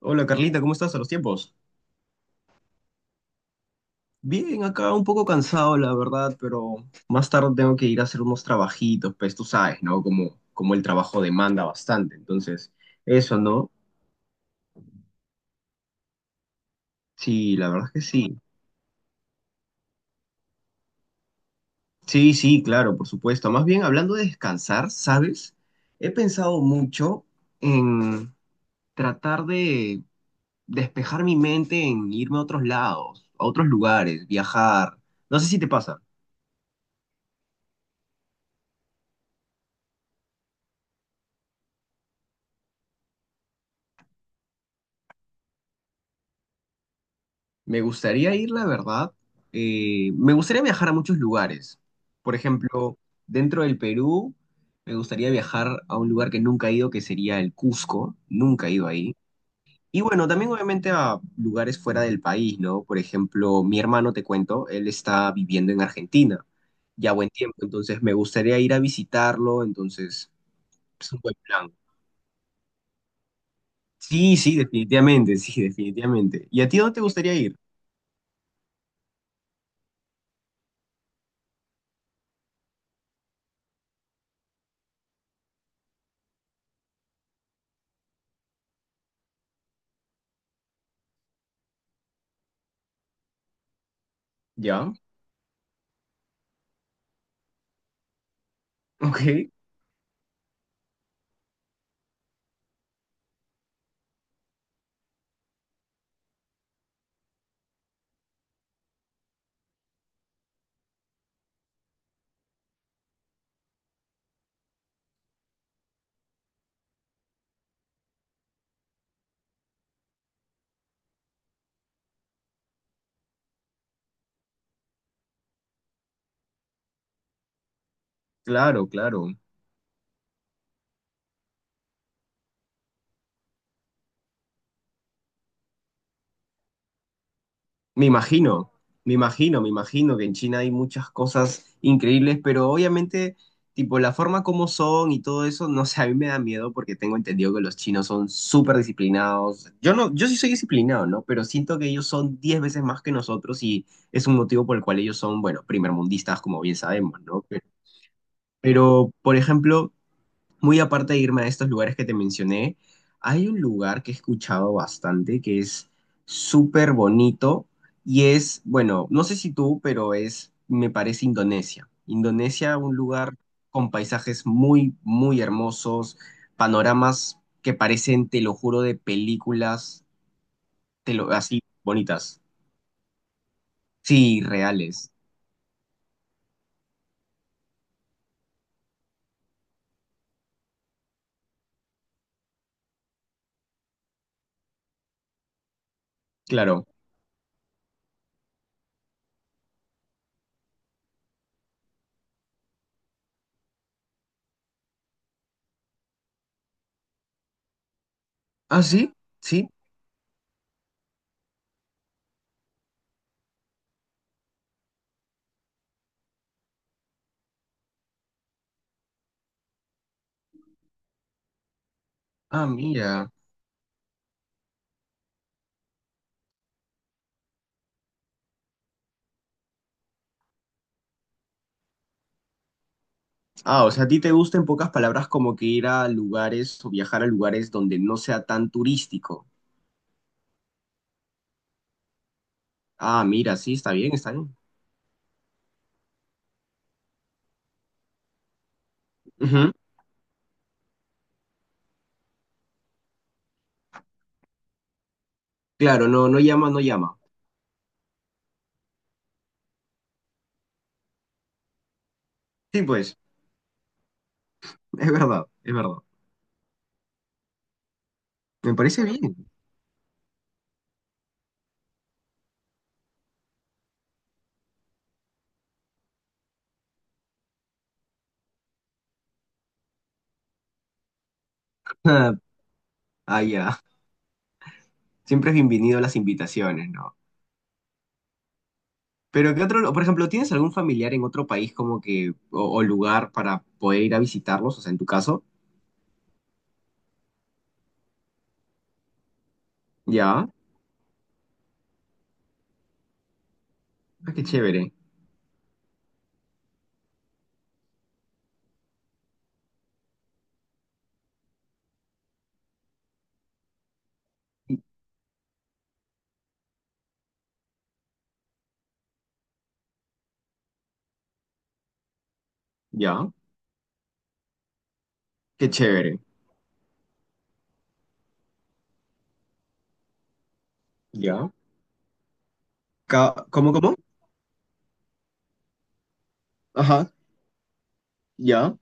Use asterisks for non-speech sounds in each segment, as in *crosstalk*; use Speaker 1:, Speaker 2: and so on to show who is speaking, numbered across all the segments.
Speaker 1: Hola Carlita, ¿cómo estás a los tiempos? Bien, acá un poco cansado, la verdad, pero más tarde tengo que ir a hacer unos trabajitos, pues tú sabes, ¿no? Como el trabajo demanda bastante, entonces, eso, ¿no? Sí, la verdad es que sí. Sí, sí, claro, por supuesto. Más bien, hablando de descansar, ¿sabes? He pensado mucho en tratar de despejar mi mente en irme a otros lados, a otros lugares, viajar. No sé si te pasa. Me gustaría ir, la verdad. Me gustaría viajar a muchos lugares. Por ejemplo, dentro del Perú, me gustaría viajar a un lugar que nunca he ido, que sería el Cusco. Nunca he ido ahí. Y bueno, también obviamente a lugares fuera del país, ¿no? Por ejemplo, mi hermano, te cuento, él está viviendo en Argentina ya buen tiempo, entonces me gustaría ir a visitarlo, entonces es un buen plan. Sí, sí, definitivamente, sí, definitivamente. ¿Y a ti dónde te gustaría ir? ¿Ya? Ok, claro, claro. Me imagino, me imagino, me imagino que en China hay muchas cosas increíbles, pero obviamente, tipo, la forma como son y todo eso, no sé, a mí me da miedo porque tengo entendido que los chinos son súper disciplinados. Yo no, yo sí soy disciplinado, ¿no? Pero siento que ellos son 10 veces más que nosotros y es un motivo por el cual ellos son, bueno, primermundistas, como bien sabemos, ¿no? Pero, por ejemplo, muy aparte de irme a estos lugares que te mencioné, hay un lugar que he escuchado bastante que es súper bonito y es, bueno, no sé si tú, pero es, me parece Indonesia. Indonesia, un lugar con paisajes muy, muy hermosos, panoramas que parecen, te lo juro, de películas, te lo, así bonitas. Sí, reales, claro. Ah, sí, sí. Ah, mira. Ah, o sea, a ti te gusta en pocas palabras como que ir a lugares o viajar a lugares donde no sea tan turístico. Ah, mira, sí, está bien, está bien. Ujú. Claro, no, no llama, no llama. Sí, pues, *laughs* es verdad, es verdad. Me parece bien. *laughs* Ah, ya. Siempre es bienvenido a las invitaciones, ¿no? Pero ¿qué otro, por ejemplo, tienes algún familiar en otro país como que, o lugar para poder ir a visitarlos? O sea, en tu caso, ya. Ah, qué chévere. Ya. Qué chévere. Ya. ¿Cómo, cómo? Ajá. Ya.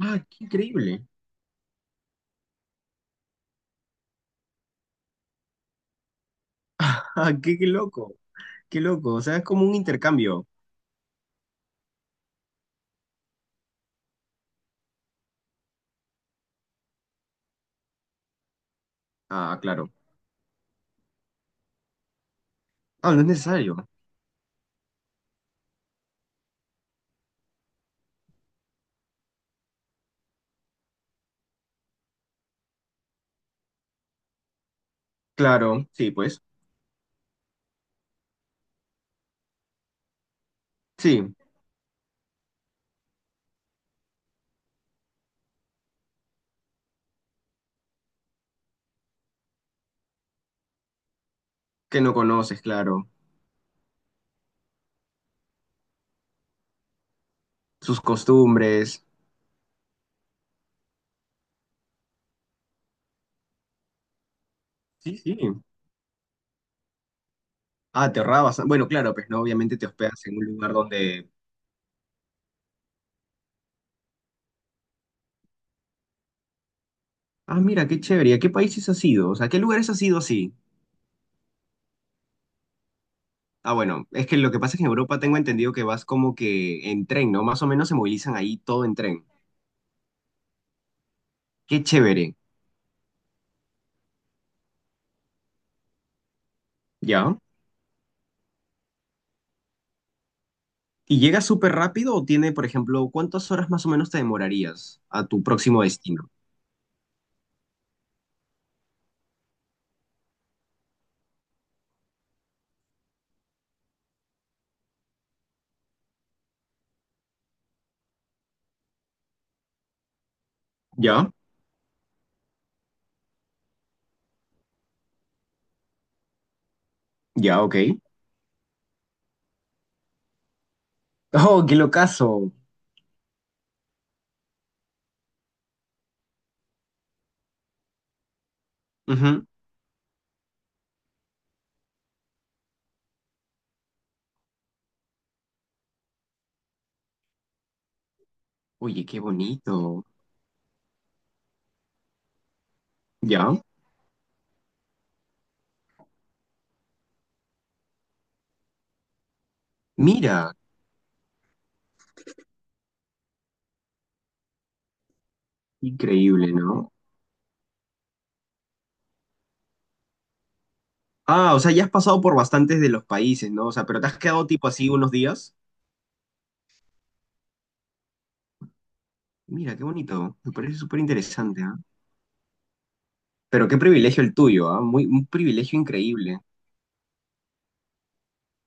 Speaker 1: Ah, qué increíble. Ah, qué loco. Qué loco. O sea, es como un intercambio. Ah, claro. Ah, no es necesario. Claro, sí, pues. Sí, que no conoces, claro. Sus costumbres. Sí, sí. Ah, te ahorrabas. Bueno, claro, pues no, obviamente te hospedas en un lugar donde. Ah, mira, qué chévere. ¿A qué países has ido? O sea, ¿qué lugares has ido así? Ah, bueno, es que lo que pasa es que en Europa tengo entendido que vas como que en tren, ¿no? Más o menos se movilizan ahí todo en tren. Qué chévere. ¿Ya? ¿Y llegas súper rápido o tiene, por ejemplo, cuántas horas más o menos te demorarías a tu próximo destino? ¿Ya? ¿Ya? Ok. Oh, qué locazo. Ujú. Oye, qué bonito. ¿Ya? Mira, increíble, ¿no? Ah, o sea, ya has pasado por bastantes de los países, ¿no? O sea, pero te has quedado tipo así unos días. Mira, qué bonito. Me parece súper interesante, ¿ah? Pero qué privilegio el tuyo, ¿ah? Muy, un privilegio increíble.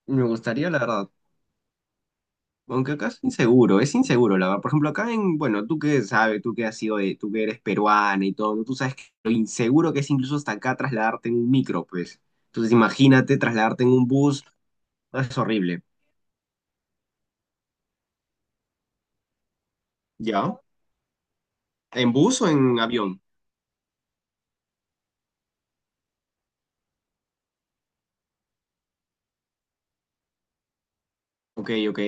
Speaker 1: Me gustaría, la verdad. Aunque acá es inseguro, la verdad. Por ejemplo, acá en, bueno, tú que sabes, tú que has sido, tú que eres peruana y todo, ¿no? Tú sabes que lo inseguro que es incluso hasta acá trasladarte en un micro, pues. Entonces, imagínate trasladarte en un bus, no, es horrible. ¿Ya? ¿En bus o en avión? Ok, ok.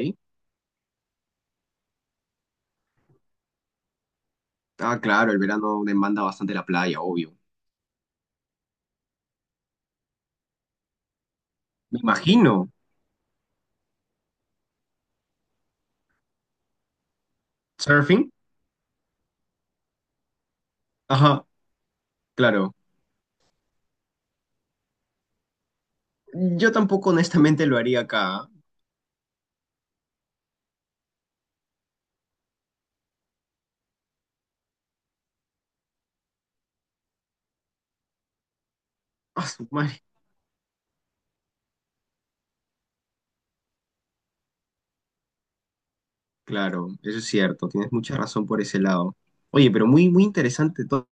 Speaker 1: Ah, claro, el verano demanda bastante la playa, obvio. Me imagino. ¿Surfing? Ajá, claro. Yo tampoco honestamente lo haría acá. Claro, eso es cierto, tienes mucha razón por ese lado. Oye, pero muy, muy interesante todo.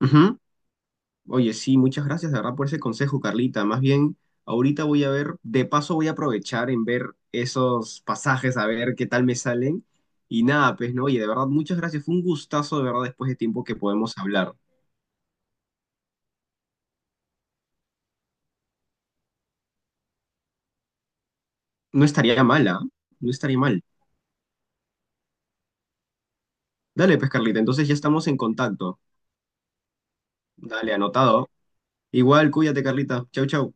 Speaker 1: Ujú. Oye, sí, muchas gracias, de verdad, por ese consejo, Carlita. Más bien, ahorita voy a ver, de paso voy a aprovechar en ver esos pasajes, a ver qué tal me salen. Y nada, pues no, oye, de verdad, muchas gracias. Fue un gustazo, de verdad, después de tiempo que podemos hablar. No estaría mal, ¿ah? No estaría mal. Dale, pues, Carlita, entonces ya estamos en contacto. Dale, anotado. Igual, cuídate, Carlita. Chau, chau.